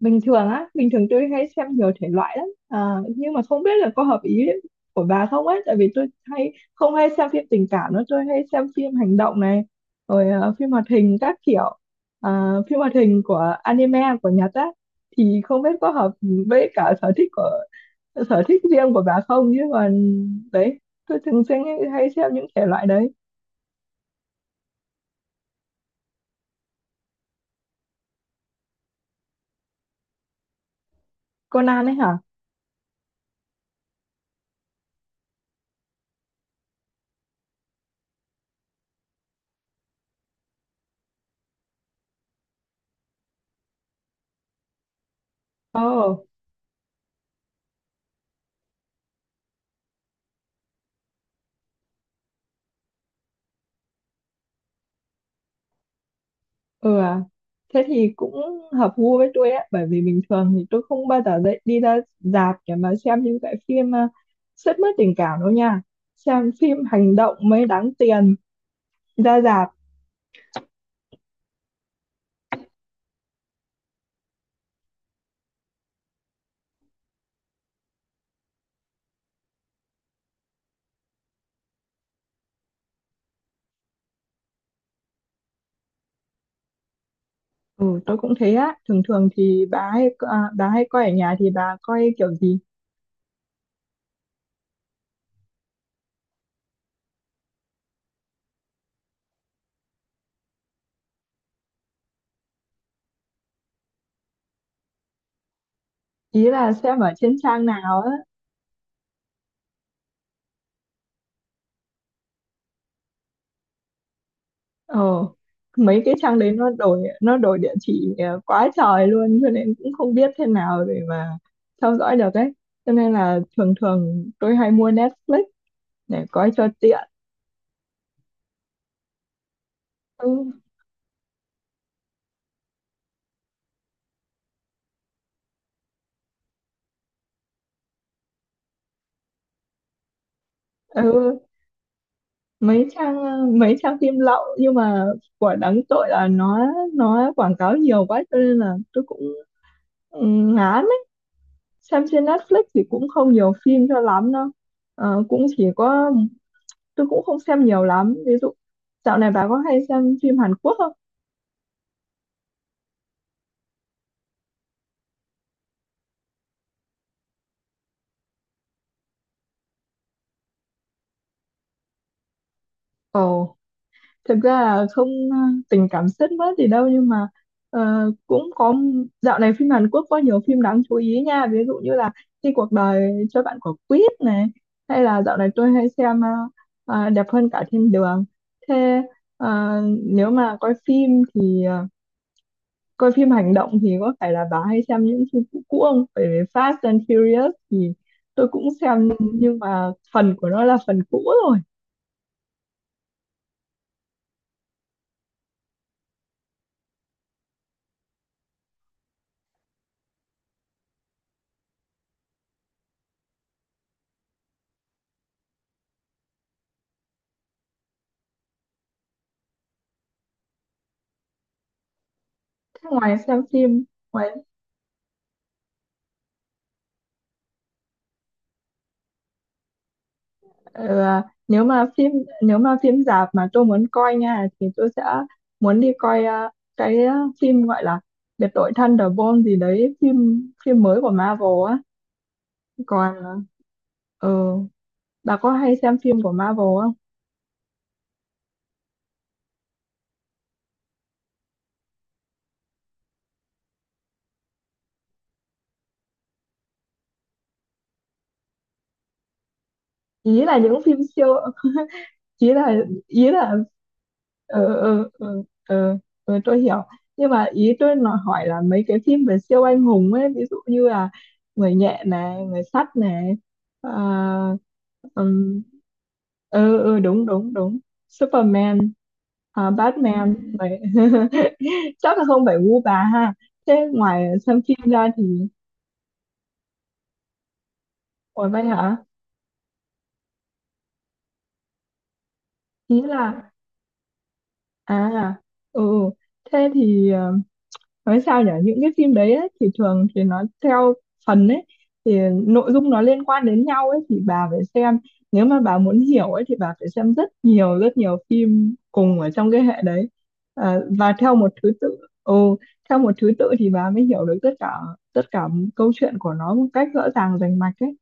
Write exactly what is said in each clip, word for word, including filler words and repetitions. bình thường á bình thường tôi hay xem nhiều thể loại lắm à, nhưng mà không biết là có hợp ý của bà không ấy, tại vì tôi hay không hay xem phim tình cảm nữa, tôi hay xem phim hành động này rồi, ờ, phim hoạt hình các kiểu. À, phim hoạt hình của anime của Nhật á. Thì không biết có hợp với cả sở thích của sở thích riêng của bà không, nhưng mà đấy, tôi thường xuyên hay xem những thể loại đấy. Conan ấy hả? Ồ. Ừ à, thế thì cũng hợp gu với tôi á, bởi vì bình thường thì tôi không bao giờ dậy đi ra rạp để mà xem những cái phim à, sướt mướt tình cảm đâu nha. Xem phim hành động mới đáng tiền ra rạp. Ừ, tôi cũng thế á. Thường thường thì bà hay, à, bà hay coi ở nhà thì bà coi kiểu gì? Ý là xem ở trên trang nào á. Ờ, mấy cái trang đấy nó đổi nó đổi địa chỉ ờ, quá trời luôn, cho nên cũng không biết thế nào để mà theo dõi được ấy, cho nên là thường thường tôi hay mua Netflix để coi cho tiện. Ừ, ừ, mấy trang ờ, mấy trang phim lậu, nhưng mà của đáng tội là nó nó quảng cáo nhiều quá, cho nên là tôi cũng, ừ, ngán ấy. Xem trên Netflix thì cũng không nhiều phim cho lắm đâu. Ờ, cũng chỉ có, tôi cũng không xem nhiều lắm. Ví dụ dạo này bà có hay xem phim Hàn Quốc không? Ồ, thực ra là không ờ, tình cảm sướt mướt gì đâu, nhưng mà, ờ, cũng có, dạo này phim Hàn Quốc có nhiều phim đáng chú ý nha, ví dụ như là khi cuộc đời cho bạn quả quýt này, hay là dạo này tôi hay xem ờ, ờ, đẹp hơn cả thiên đường. Thế, ờ, nếu mà coi phim thì, ờ, coi phim hành động thì có phải là bà hay xem những phim cũ cũ không? Bởi vì Fast and Furious thì tôi cũng xem, nhưng mà phần của nó là phần cũ rồi. Thế ngoài xem phim, ngoài ờ, nếu mà phim, nếu mà phim rạp mà tôi muốn coi nha thì tôi sẽ muốn đi coi, ờ, cái ờ, phim gọi là Biệt đội Thunderbolt gì đấy, phim phim mới của Marvel á. Còn ờ, bà có hay xem phim của Marvel không? Ý là những phim siêu, ý là ý là, ừ, ừ, ừ, ừ, ừ, tôi hiểu, nhưng mà ý tôi nói hỏi là mấy cái phim về siêu anh hùng ấy, ví dụ như là người nhện này, người sắt này, à, ừm, ừ, ừ đúng đúng đúng, Superman, à, Batman vậy. Chắc là không phải gu bà ha. Thế ngoài xem phim ra thì, ủa vậy hả, ý là à ừ thế thì, ờ, nói sao nhỉ, những cái phim đấy ấy, thì thường thì nó theo phần ấy, thì nội dung nó liên quan đến nhau ấy, thì bà phải xem, nếu mà bà muốn hiểu ấy thì bà phải xem rất nhiều rất nhiều phim cùng ở trong cái hệ đấy, à, và theo một thứ tự. Ừ, theo một thứ tự thì bà mới hiểu được tất cả tất cả câu chuyện của nó một cách rõ ràng rành mạch ấy,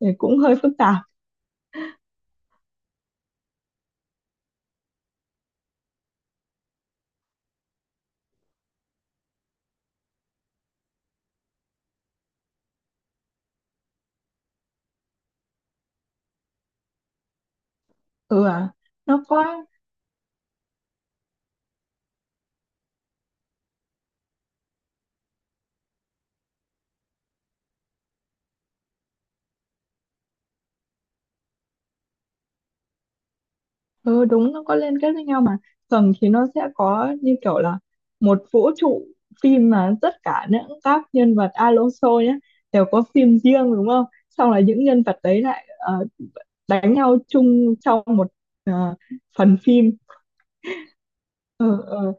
thì cũng hơi phức tạp. Ừ à, nó có. Ừ đúng, nó có liên kết với nhau mà. Tầng thì nó sẽ có như kiểu là một vũ trụ phim, mà tất cả những các nhân vật Alonso nhé, đều có phim riêng đúng không, xong là những nhân vật đấy lại, ờ, đánh nhau chung trong một, ờ, phần phim. Ừ, ừ,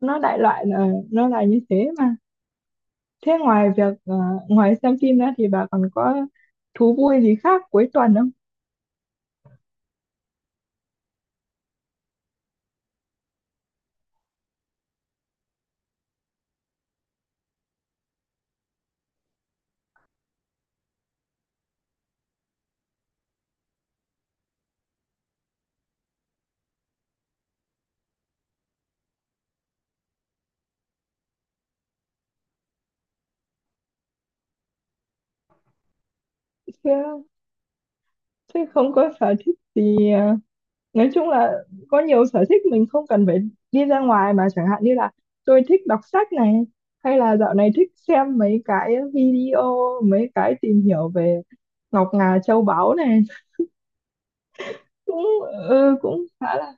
nó đại loại là nó là như thế mà. Thế ngoài việc ờ, ngoài xem phim ra thì bà còn có thú vui gì khác cuối tuần không? Chứ, chứ không có sở thích gì ờ, nói chung là có nhiều sở thích mình không cần phải đi ra ngoài mà, chẳng hạn như là tôi thích đọc sách này, hay là dạo này thích xem mấy cái video, mấy cái tìm hiểu về ngọc ngà châu báu này, cũng, ừ, cũng khá là,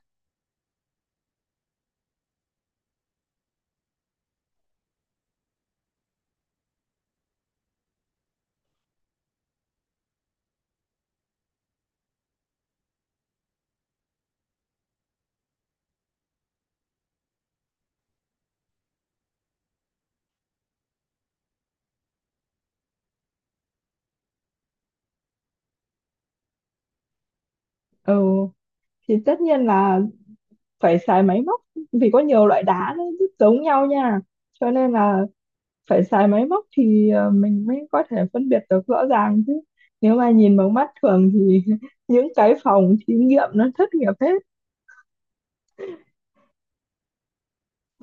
ừ thì tất nhiên là phải xài máy móc, vì có nhiều loại đá nó rất giống nhau nha, cho nên là phải xài máy móc thì ờ, mình mới có thể phân biệt được rõ ràng, chứ nếu mà nhìn bằng mắt thường thì những cái phòng thí nghiệm nó thất nghiệp hết.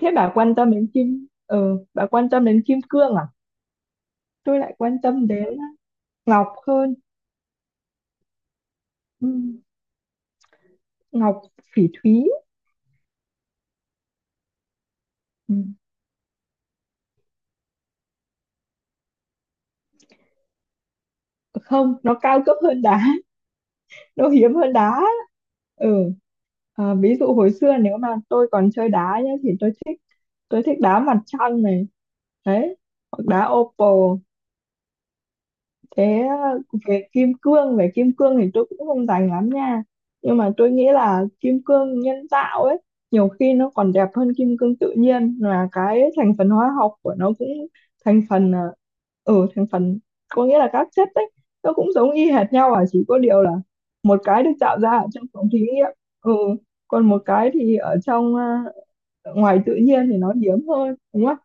Thế bà quan tâm đến kim ừ bà quan tâm đến kim cương à? Tôi lại quan tâm đến ngọc hơn. Ừ, ngọc phỉ thúy. Ừ. Không, nó cao cấp hơn đá, nó hiếm hơn đá. Ừ à, ví dụ hồi xưa nếu mà tôi còn chơi đá nhá thì tôi thích, tôi thích đá mặt trăng này, đấy, hoặc đá opal. Thế về kim cương, về kim cương thì tôi cũng không rành lắm nha. Nhưng mà tôi nghĩ là kim cương nhân tạo ấy, nhiều khi nó còn đẹp hơn kim cương tự nhiên, là cái thành phần hóa học của nó cũng, thành phần, ờ, ừ thành phần, có nghĩa là các chất ấy, nó cũng giống y hệt nhau à, chỉ có điều là một cái được tạo ra ở trong phòng thí nghiệm. Ừ, còn một cái thì ở trong, ờ, ngoài tự nhiên thì nó hiếm hơn đúng không?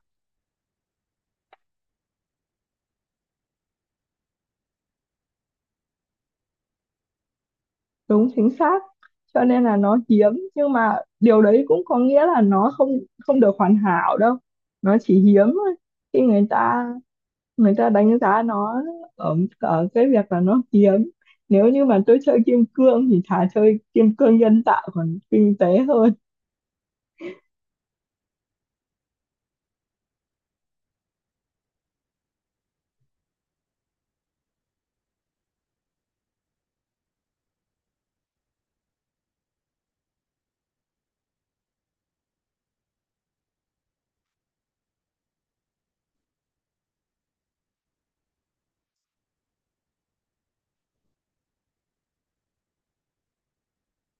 Đúng, chính xác, cho nên là nó hiếm, nhưng mà điều đấy cũng có nghĩa là nó không không được hoàn hảo đâu, nó chỉ hiếm thôi. Khi người ta người ta đánh giá nó ở, ở cái việc là nó hiếm, nếu như mà tôi chơi kim cương thì thà chơi kim cương nhân tạo còn kinh tế hơn.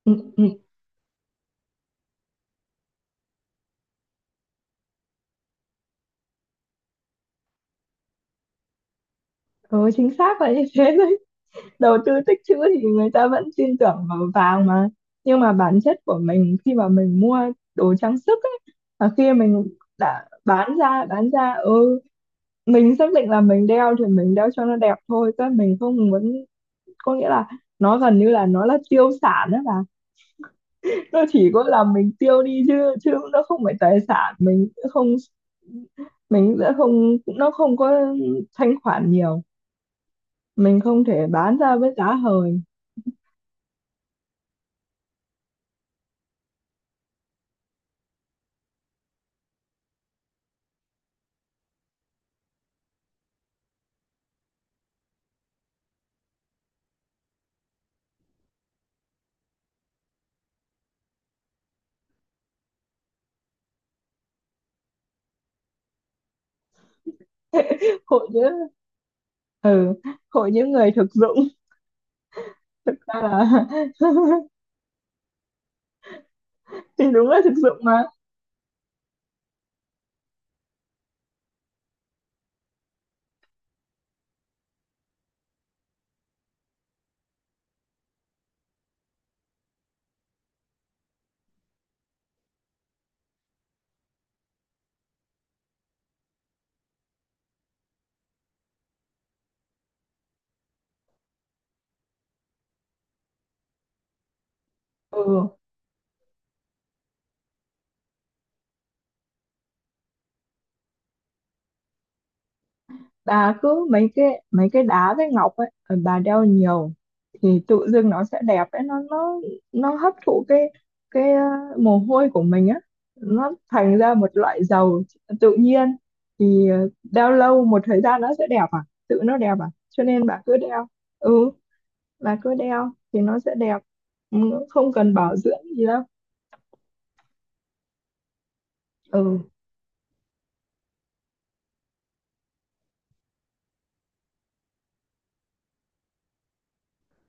Ừ, ừ. Ừ chính xác là như thế, đầu tư tích trữ thì người ta vẫn tin tưởng vào vàng mà. Nhưng mà bản chất của mình khi mà mình mua đồ trang sức ấy, là khi mình đã bán ra, bán ra ừ, mình xác định là mình đeo thì mình đeo cho nó đẹp thôi, chứ mình không muốn, có nghĩa là nó gần như là nó là tiêu sản, đó là nó chỉ có là mình tiêu đi chứ, chứ nó không phải tài sản, mình sẽ không mình sẽ không nó không có thanh khoản nhiều, mình không thể bán ra với giá hời. Hội chứ, ừ, hội những người thực dụng ta là, thì đúng là thực dụng mà. Ừ, bà cứ mấy cái mấy cái đá với ngọc ấy, ờ, bà đeo nhiều thì tự dưng nó sẽ đẹp ấy, nó nó nó hấp thụ cái, cái ờ, mồ hôi của mình á, nó thành ra một loại dầu tự nhiên, thì ờ, đeo lâu một thời gian nó sẽ đẹp à, tự nó đẹp à, cho nên bà cứ đeo. Ừ, bà cứ đeo thì nó sẽ đẹp. Ừ, không cần bảo dưỡng gì đâu. Ừ.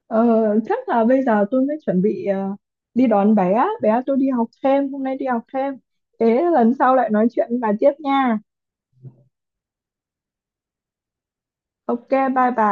Ờ, chắc là bây giờ tôi mới chuẩn bị, ờ, đi đón bé, bé tôi đi học thêm, hôm nay đi học thêm. Thế lần sau lại nói chuyện bà tiếp nha. Ok, bye bà.